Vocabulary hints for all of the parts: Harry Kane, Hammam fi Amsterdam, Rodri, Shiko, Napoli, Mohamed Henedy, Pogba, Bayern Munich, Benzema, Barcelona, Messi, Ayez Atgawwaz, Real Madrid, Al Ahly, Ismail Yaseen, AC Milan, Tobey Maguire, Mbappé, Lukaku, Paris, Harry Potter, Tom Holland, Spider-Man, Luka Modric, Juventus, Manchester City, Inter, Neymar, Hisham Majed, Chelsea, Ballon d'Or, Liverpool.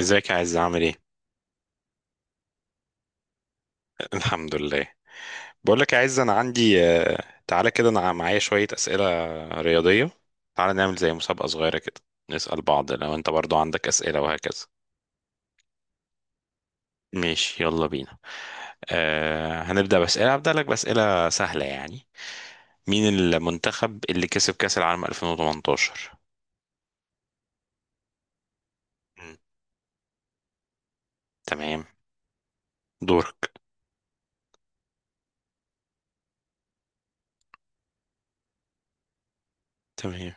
ازيك يا عز، عامل ايه؟ الحمد لله. بقول لك يا عز، انا عندي تعالى كده، انا معايا شوية أسئلة رياضية. تعالى نعمل زي مسابقة صغيرة كده، نسأل بعض لو انت برضو عندك أسئلة وهكذا. ماشي يلا بينا. هنبدأ بأسئلة، هبدأ لك بأسئلة سهلة يعني. مين المنتخب اللي كسب كأس العالم 2018؟ مم. تمام، دورك. تمام.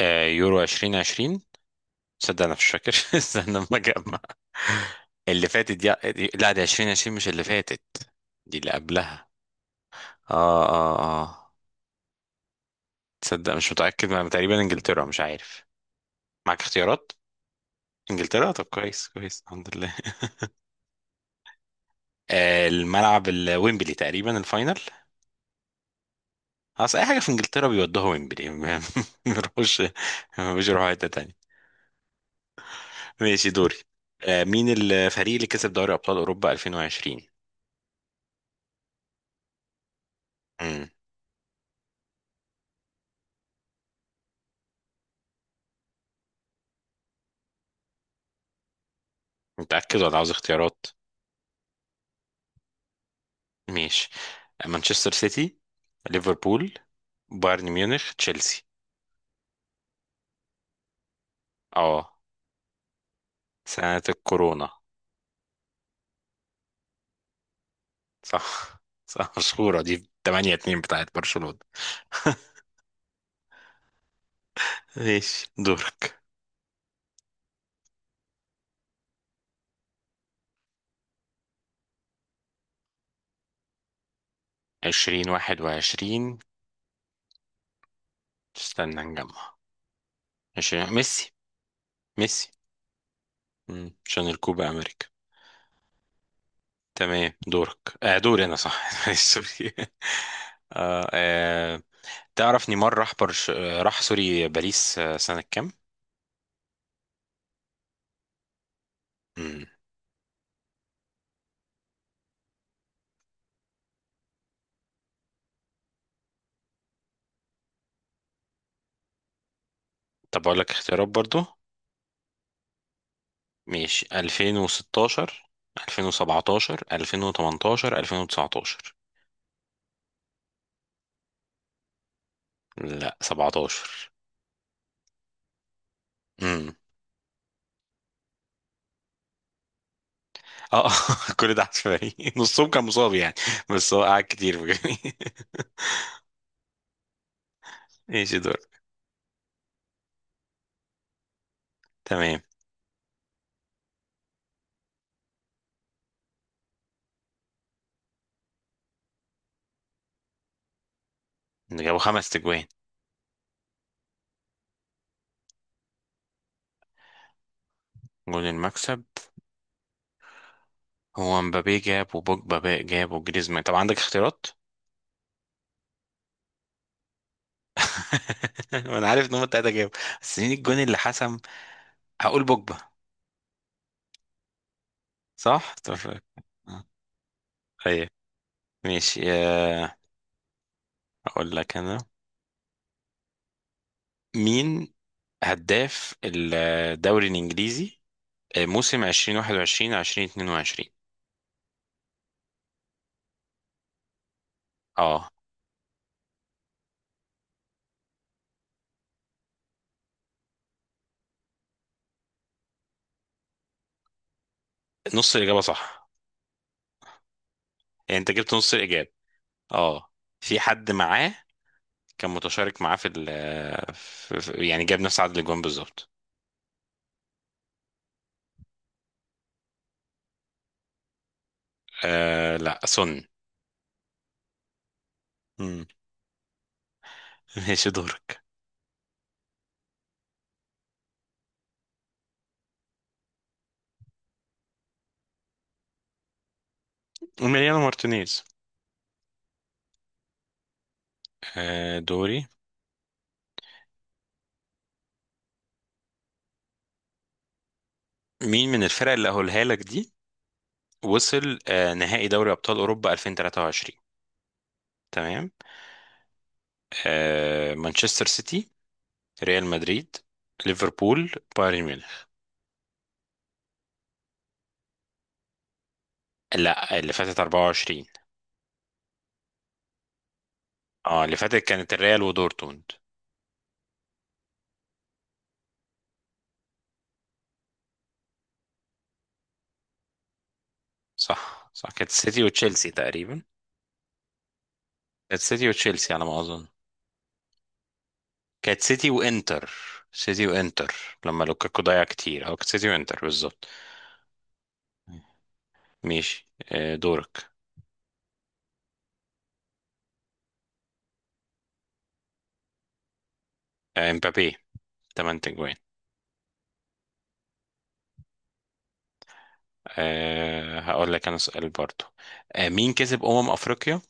يورو 2020. تصدق انا مش فاكر. استنى لما اجمع. اللي فاتت دي، لا دي 2020 مش اللي فاتت، دي اللي قبلها. اه اه اه تصدق مش متأكد، ما تقريبا انجلترا، مش عارف. معاك اختيارات. انجلترا، طب كويس كويس الحمد لله. الملعب الويمبلي تقريبا الفاينل. اصل اي حاجة في انجلترا بيودوها ويمبلي ما بيروحوش، ما بيروحوا حتة تانية. ماشي دوري. مين الفريق اللي كسب دوري ابطال اوروبا 2020؟ امم متأكد ولا عاوز اختيارات؟ ماشي، مانشستر سيتي، ليفربول، بايرن ميونخ، تشيلسي. اه سنة الكورونا. صح صح، مشهورة دي، 8-2 بتاعت برشلونة. ماشي دورك. 20 21، استنى نجمع. 20، ميسي، ميسي. عشان الكوبا امريكا. تمام دورك. دوري انا، صح. سوري. آه آه تعرف نيمار راح باريس، سنة كام؟ مم. طب اقول لك اختيارات برضو. ماشي، 2016، 2017، 2018، 2019. لا، 17. امم اه كل ده عشوائي. نصهم كان مصاب يعني، بس هو قعد كتير بجد. ماشي دور. تمام. جابوا 5 أجوان. جول المكسب. هو مبابي جاب، وبوجبا بقى جاب، وجريزمان. طب عندك اختيارات؟ وانا عارف ان هم التلاته جابوا، بس مين الجون اللي حسم؟ هقول بوجبا. صح طب. آه، ايوه. ماشي. اقول لك انا، مين هداف الدوري الانجليزي موسم 2021 2022؟ اه، نص الاجابه صح، يعني انت جبت نص الاجابه. اه، في حد معاه، كان متشارك معاه في يعني جاب نفس عدد الاجوان بالظبط. لا، سن. مم. ماشي دورك. ميليانو مارتينيز. دوري، مين من الفرق اللي هقولها لك دي وصل نهائي دوري ابطال اوروبا 2023؟ تمام، مانشستر سيتي، ريال مدريد، ليفربول، بايرن ميونخ. لا اللي فاتت 24. اه اللي فاتت كانت الريال ودورتموند. صح صح، كانت سيتي وتشيلسي تقريبا. كانت سيتي وتشيلسي على ما اظن. كانت سيتي وانتر. سيتي وانتر. لما لوكاكو ضيع كتير، اه كانت سيتي وانتر بالظبط. ماشي. دورك. امبابي، 8 تجوان. هقول لك انا سؤال برضو. مين كسب افريقيا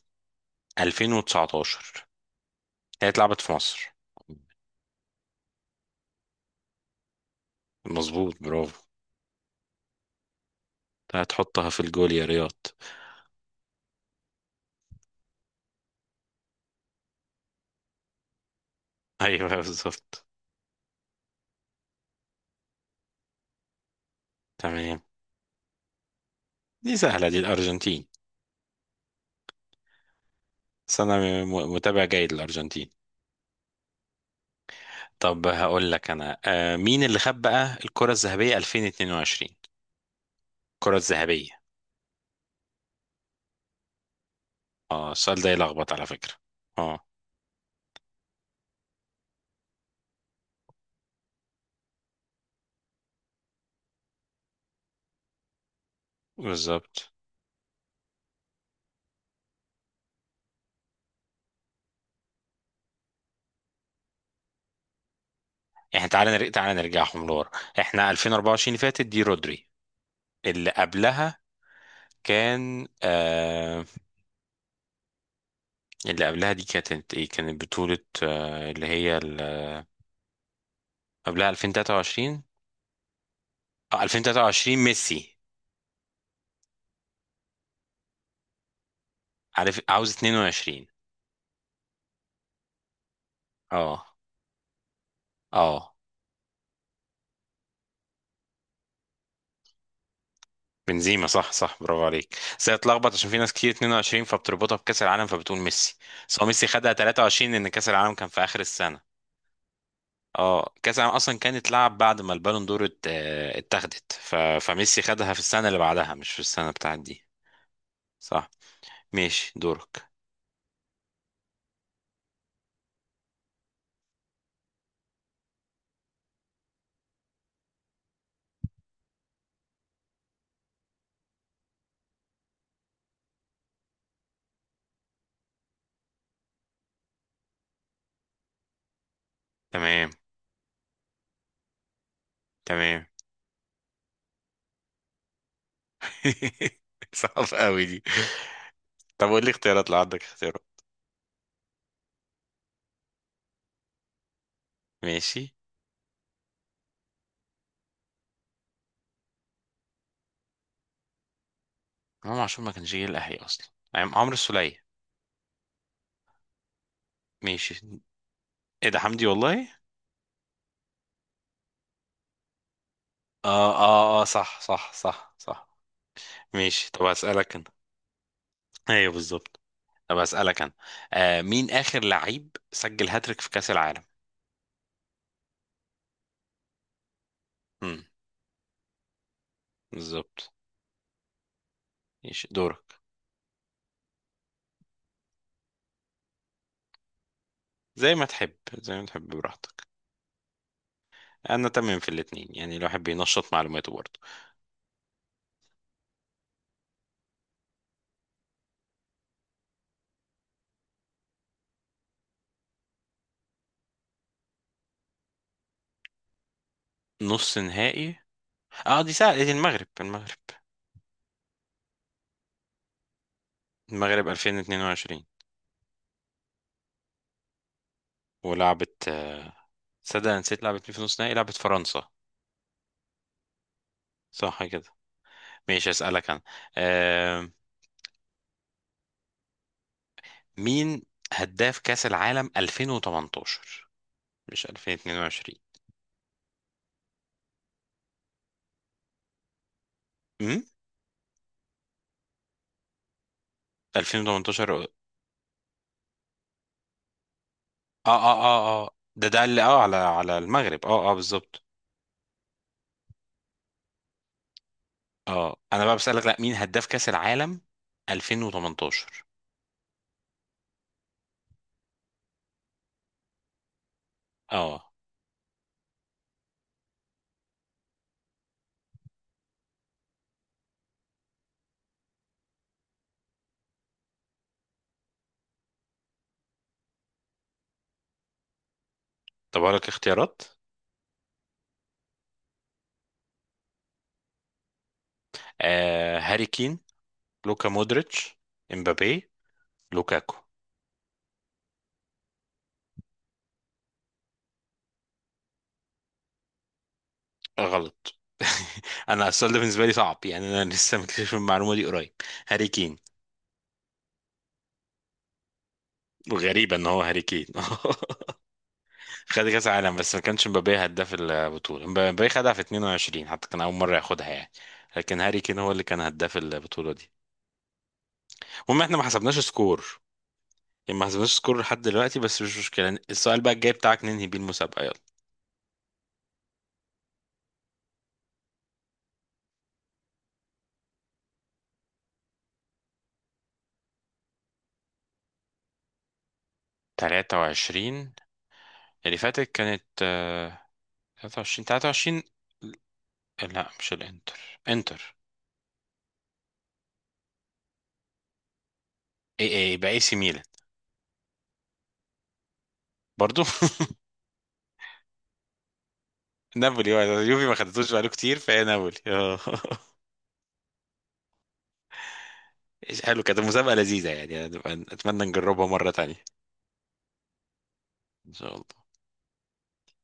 2019؟ هي اتلعبت في مصر. مظبوط، برافو. هتحطها في الجول يا رياض. ايوه بالظبط. تمام. دي سهله دي، الارجنتين، بس انا متابع جيد للارجنتين. طب هقول لك انا، مين اللي خد بقى الكره الذهبيه 2022؟ الكره الذهبيه. اه، السؤال ده يلخبط على فكره. اه بالظبط. احنا تعالى نرجع، تعالى نرجعهم لورا. احنا 2024 اللي فاتت دي رودري، اللي قبلها كان اللي قبلها دي كانت ايه، كانت بطولة. آه اللي هي ال- قبلها 2023. 2023 ميسي. عارف، عاوز 22. اه اه بنزيما. صح صح برافو عليك، بس هي اتلخبط عشان في ناس كتير 22 فبتربطها بكأس العالم، فبتقول ميسي. بس هو ميسي خدها 23 لأن كأس العالم كان في آخر السنة. اه، كأس العالم أصلا كانت اتلعب بعد ما البالون دور اتاخدت، فميسي خدها في السنة اللي بعدها مش في السنة بتاعت دي. صح. ماشي دورك. تمام. تمام. صعب قوي دي. طب قول لي اختيارات لو عندك اختيارات. ماشي. امام عاشور ما كانش جاي الاهلي اصلا، يعني عمرو السولية. ماشي. ايه ده، حمدي والله. اه صح صح صح صح. ماشي، طب اسالك انا. ايوه بالظبط. طب اسالك انا، مين اخر لعيب سجل هاتريك في كاس العالم؟ امم بالظبط. ماشي دورك. زي ما تحب، زي ما تحب براحتك. انا تمام في الاتنين، يعني الواحد بينشط معلوماته برضه. نص نهائي. اه دي سهله دي، المغرب، المغرب. المغرب 2022. ولعبت صدق أنا نسيت، لعبت مين في نص نهائي؟ لعبت فرنسا. صح كده. ماشي، اسالك انا آه مين هداف كاس العالم 2018، مش 2022؟ امم 2018، اه. اه اه اه ده ده اللي اه على على المغرب. اه بالظبط. اه، انا بقى بسالك، لا مين هداف كاس العالم 2018؟ اه. طب اقول لك اختيارات، آه، هاري كين، لوكا مودريتش، امبابي، لوكاكو. غلط. انا السؤال ده بالنسبه لي صعب يعني، انا لسه مكتشف المعلومه دي قريب. هاري كين. غريبة ان هو هاري كين. خد كاس عالم، بس ما كانش مبابي هداف البطولة. مبابي خدها في 22 حتى، كان اول مرة ياخدها يعني. لكن هاري كين هو اللي كان هداف البطولة دي. المهم احنا ما حسبناش سكور، يعني ما حسبناش سكور لحد دلوقتي، بس مش مشكلة يعني. السؤال بقى الجاي بتاعك ننهي بيه المسابقة، يلا. 23 اللي فاتت كانت 23 23. لا، مش الانتر. انتر. اي اي يبقى اي سي ميلان. برضو. نابولي. يوفي ما خدتوش بقاله كتير فهي نابولي. اه. حلو، كانت المسابقة لذيذة يعني، أتمنى نجربها مرة تانية. إن شاء الله.